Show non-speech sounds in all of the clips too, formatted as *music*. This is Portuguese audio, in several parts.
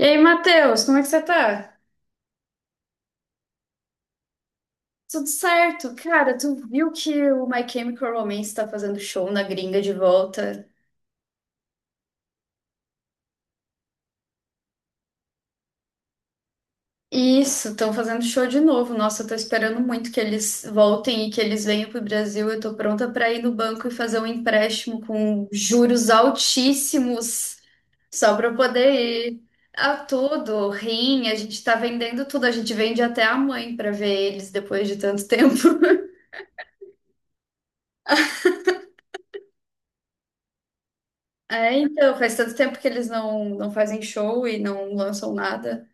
E aí, Matheus, como é que você tá? Tudo certo? Cara, tu viu que o My Chemical Romance tá fazendo show na gringa de volta? Isso, estão fazendo show de novo. Nossa, eu tô esperando muito que eles voltem e que eles venham pro Brasil. Eu tô pronta pra ir no banco e fazer um empréstimo com juros altíssimos só pra eu poder ir a tudo, rim, a gente tá vendendo tudo, a gente vende até a mãe pra ver eles depois de tanto *laughs* tempo. É, então, faz tanto tempo que eles não fazem show e não lançam nada.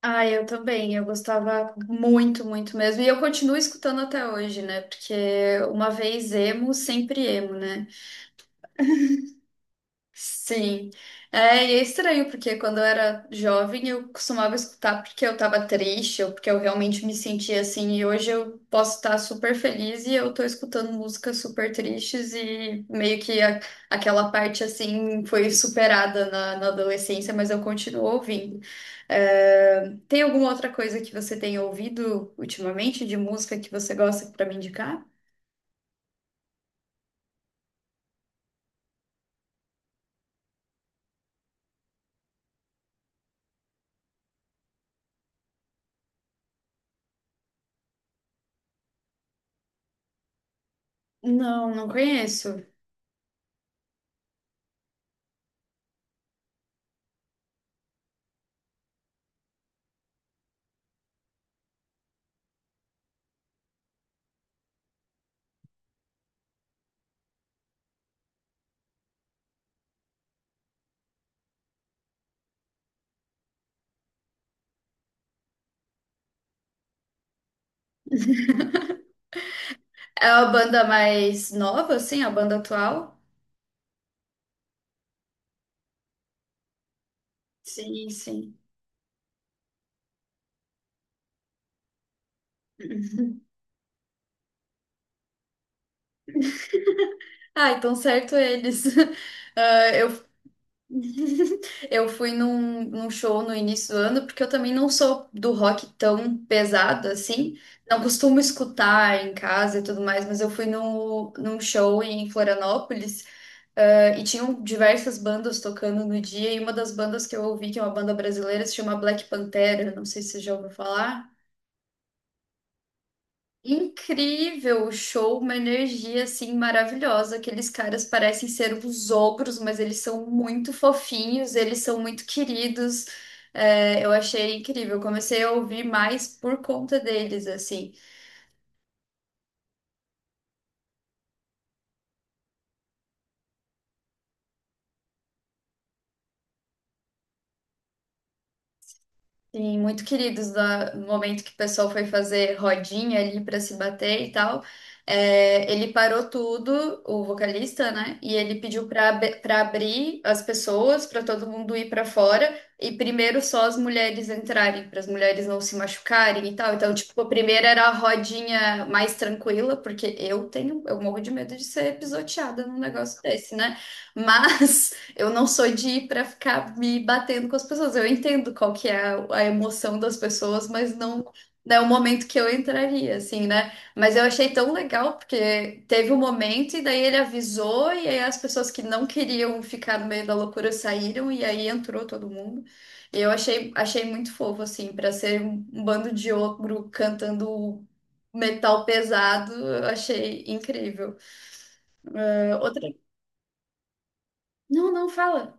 Ah, eu também, eu gostava muito, muito mesmo. E eu continuo escutando até hoje, né? Porque uma vez emo, sempre emo, né? Sim, é, e é estranho, porque quando eu era jovem eu costumava escutar porque eu tava triste ou porque eu realmente me sentia assim, e hoje eu posso estar super feliz e eu tô escutando músicas super tristes e meio que aquela parte assim foi superada na adolescência, mas eu continuo ouvindo. É, tem alguma outra coisa que você tenha ouvido ultimamente de música que você gosta pra me indicar? Não, não conheço. É a banda mais nova, assim, a banda atual? Sim, sim. *laughs* Ah, então certo eles. *laughs* Ah, eu *laughs* eu fui num show no início do ano, porque eu também não sou do rock tão pesado assim. Não costumo escutar em casa e tudo mais, mas eu fui no, num show em Florianópolis, ah, e tinham diversas bandas tocando no dia, e uma das bandas que eu ouvi, que é uma banda brasileira, se chama Black Pantera. Não sei se você já ouviu falar. Incrível o show, uma energia assim maravilhosa. Aqueles caras parecem ser os ogros, mas eles são muito fofinhos, eles são muito queridos. É, eu achei incrível. Comecei a ouvir mais por conta deles, assim. Sim, muito queridos no momento que o pessoal foi fazer rodinha ali para se bater e tal. É, ele parou tudo, o vocalista, né? E ele pediu para abrir as pessoas, para todo mundo ir para fora e primeiro só as mulheres entrarem, para as mulheres não se machucarem e tal. Então, tipo, a primeira era a rodinha mais tranquila, porque eu tenho, eu morro de medo de ser pisoteada num negócio desse, né? Mas eu não sou de ir pra ficar me batendo com as pessoas. Eu entendo qual que é a emoção das pessoas, mas não, não é o momento que eu entraria, assim, né? Mas eu achei tão legal, porque teve um momento e daí ele avisou, e aí as pessoas que não queriam ficar no meio da loucura saíram, e aí entrou todo mundo. E eu achei, achei muito fofo, assim, pra ser um bando de ogro cantando metal pesado, eu achei incrível. Eh, outra. Não, não, fala.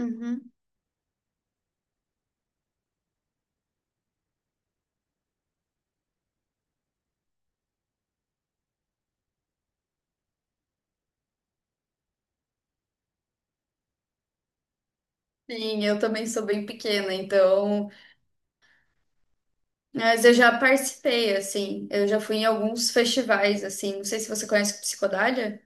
Uhum. Sim, eu também sou bem pequena, então, mas eu já participei, assim, eu já fui em alguns festivais, assim, não sei se você conhece Psicodália.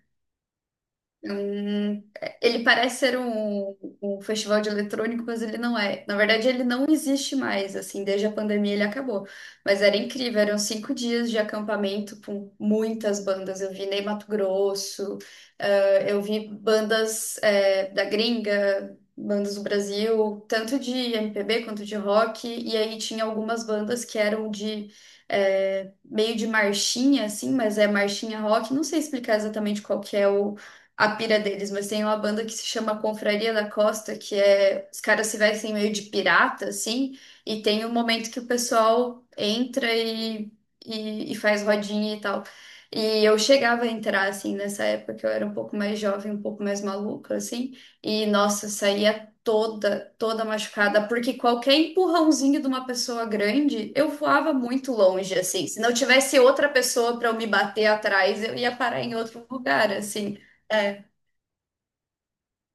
É um- Ele parece ser um, um festival de eletrônico, mas ele não é. Na verdade, ele não existe mais, assim, desde a pandemia ele acabou. Mas era incrível, eram 5 dias de acampamento com muitas bandas. Eu vi Ney Mato Grosso, ah, eu vi bandas, da gringa, bandas do Brasil, tanto de MPB quanto de rock, e aí tinha algumas bandas que eram de. Meio de marchinha, assim, mas é marchinha rock. Não sei explicar exatamente qual que é o a pira deles, mas tem uma banda que se chama Confraria da Costa, que é os caras se vestem meio de pirata, assim, e tem um momento que o pessoal entra e faz rodinha e tal. E eu chegava a entrar, assim, nessa época que eu era um pouco mais jovem, um pouco mais maluca, assim, e nossa, saía toda, toda machucada, porque qualquer empurrãozinho de uma pessoa grande, eu voava muito longe, assim. Se não tivesse outra pessoa pra eu me bater atrás, eu ia parar em outro lugar, assim. É.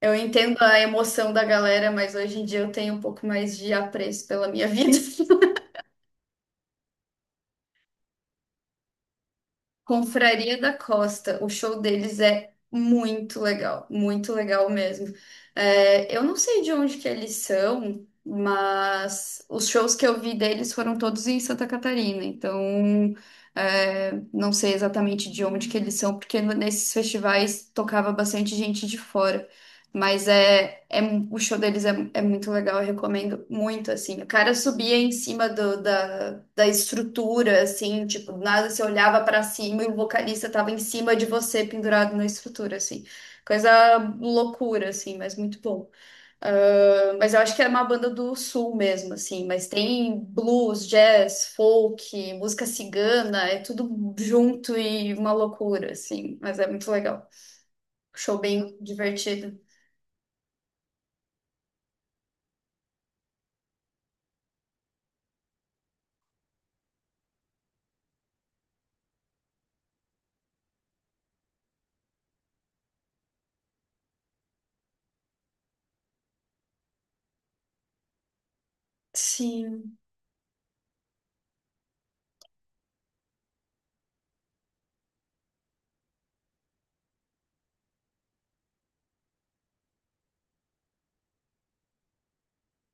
Eu entendo a emoção da galera, mas hoje em dia eu tenho um pouco mais de apreço pela minha vida. *laughs* Confraria da Costa, o show deles é muito legal mesmo. É, eu não sei de onde que eles são, mas os shows que eu vi deles foram todos em Santa Catarina, então é, não sei exatamente de onde que eles são, porque nesses festivais tocava bastante gente de fora. Mas é, o show deles é, é muito legal, eu recomendo muito, assim. O cara subia em cima da estrutura, assim, tipo, do nada você olhava pra cima e o vocalista tava em cima de você, pendurado na estrutura, assim. Coisa loucura, assim, mas muito bom. Ah, mas eu acho que é uma banda do sul mesmo, assim, mas tem blues, jazz, folk, música cigana, é tudo junto e uma loucura, assim, mas é muito legal. Show bem divertido. Sim.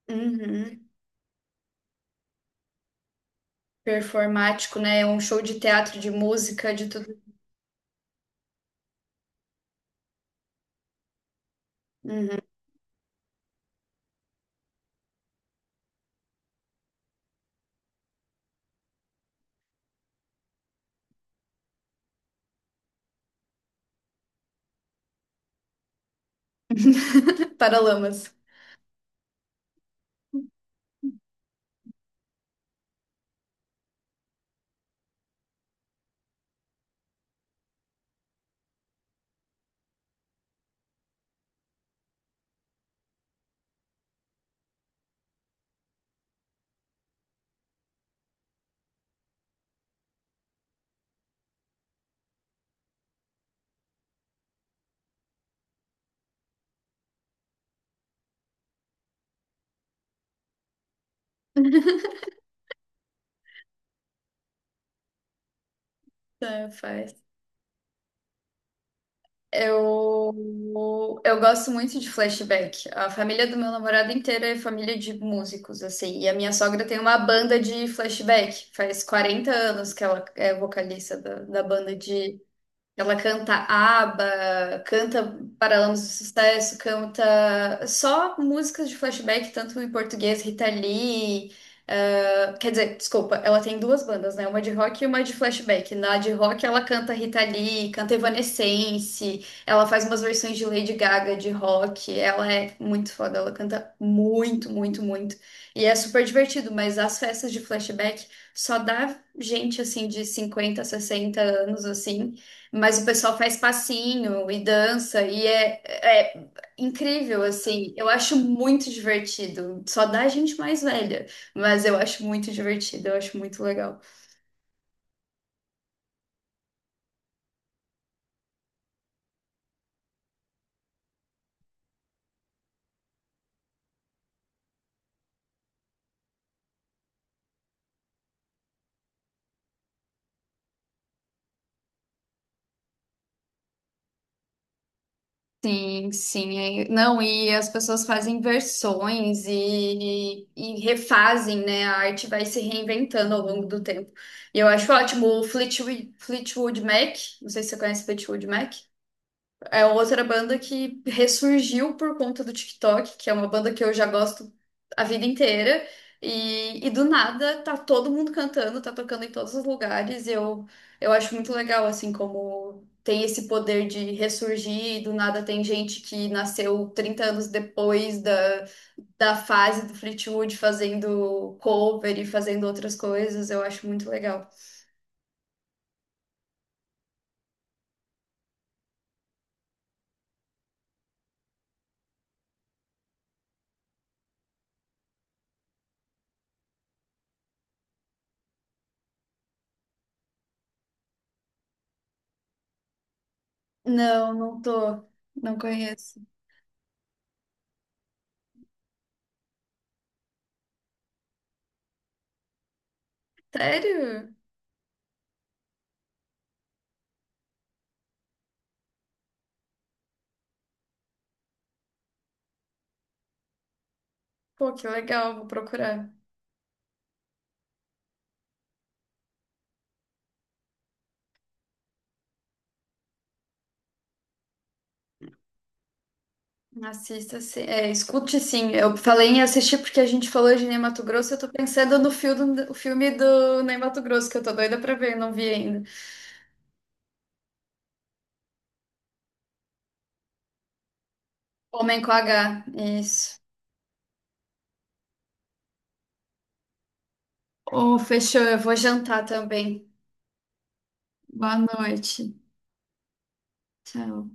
Uhum. Performático, né? É um show de teatro, de música, de tudo. Uhum. *laughs* Paralamas. É, faz. Eu gosto muito de flashback. A família do meu namorado inteira é família de músicos, assim. E a minha sogra tem uma banda de flashback. Faz 40 anos que ela é vocalista da banda de. Ela canta ABBA, canta Paralamas do Sucesso, canta só músicas de flashback, tanto em português, Rita Lee. Ah, quer dizer, desculpa, ela tem duas bandas, né? Uma de rock e uma de flashback. Na de rock, ela canta Rita Lee, canta Evanescence, ela faz umas versões de Lady Gaga de rock. Ela é muito foda, ela canta muito, muito, muito. E é super divertido, mas as festas de flashback só dá gente assim de 50 60 anos assim. Mas o pessoal faz passinho e dança e é, é incrível, assim. Eu acho muito divertido. Só dá gente mais velha, mas eu acho muito divertido, eu acho muito legal. Sim, sim. Não, e as pessoas fazem versões e refazem, né? A arte vai se reinventando ao longo do tempo. E eu acho ótimo. O Fleetwood Mac, não sei se você conhece Fleetwood Mac. É outra banda que ressurgiu por conta do TikTok, que é uma banda que eu já gosto a vida inteira. E do nada tá todo mundo cantando, tá tocando em todos os lugares. E eu acho muito legal, assim, como tem esse poder de ressurgir. E do nada tem gente que nasceu 30 anos depois da fase do Fleetwood fazendo cover e fazendo outras coisas. Eu acho muito legal. Não, não tô. Não conheço. Sério? Pô, que legal, vou procurar. Assista, sim. É, escute sim. Eu falei em assistir porque a gente falou de Ney Matogrosso. Eu tô pensando no filme, o filme do Ney Matogrosso, que eu tô doida pra ver, não vi ainda. Homem com H, isso. Oh, fechou, eu vou jantar também. Boa noite. Tchau.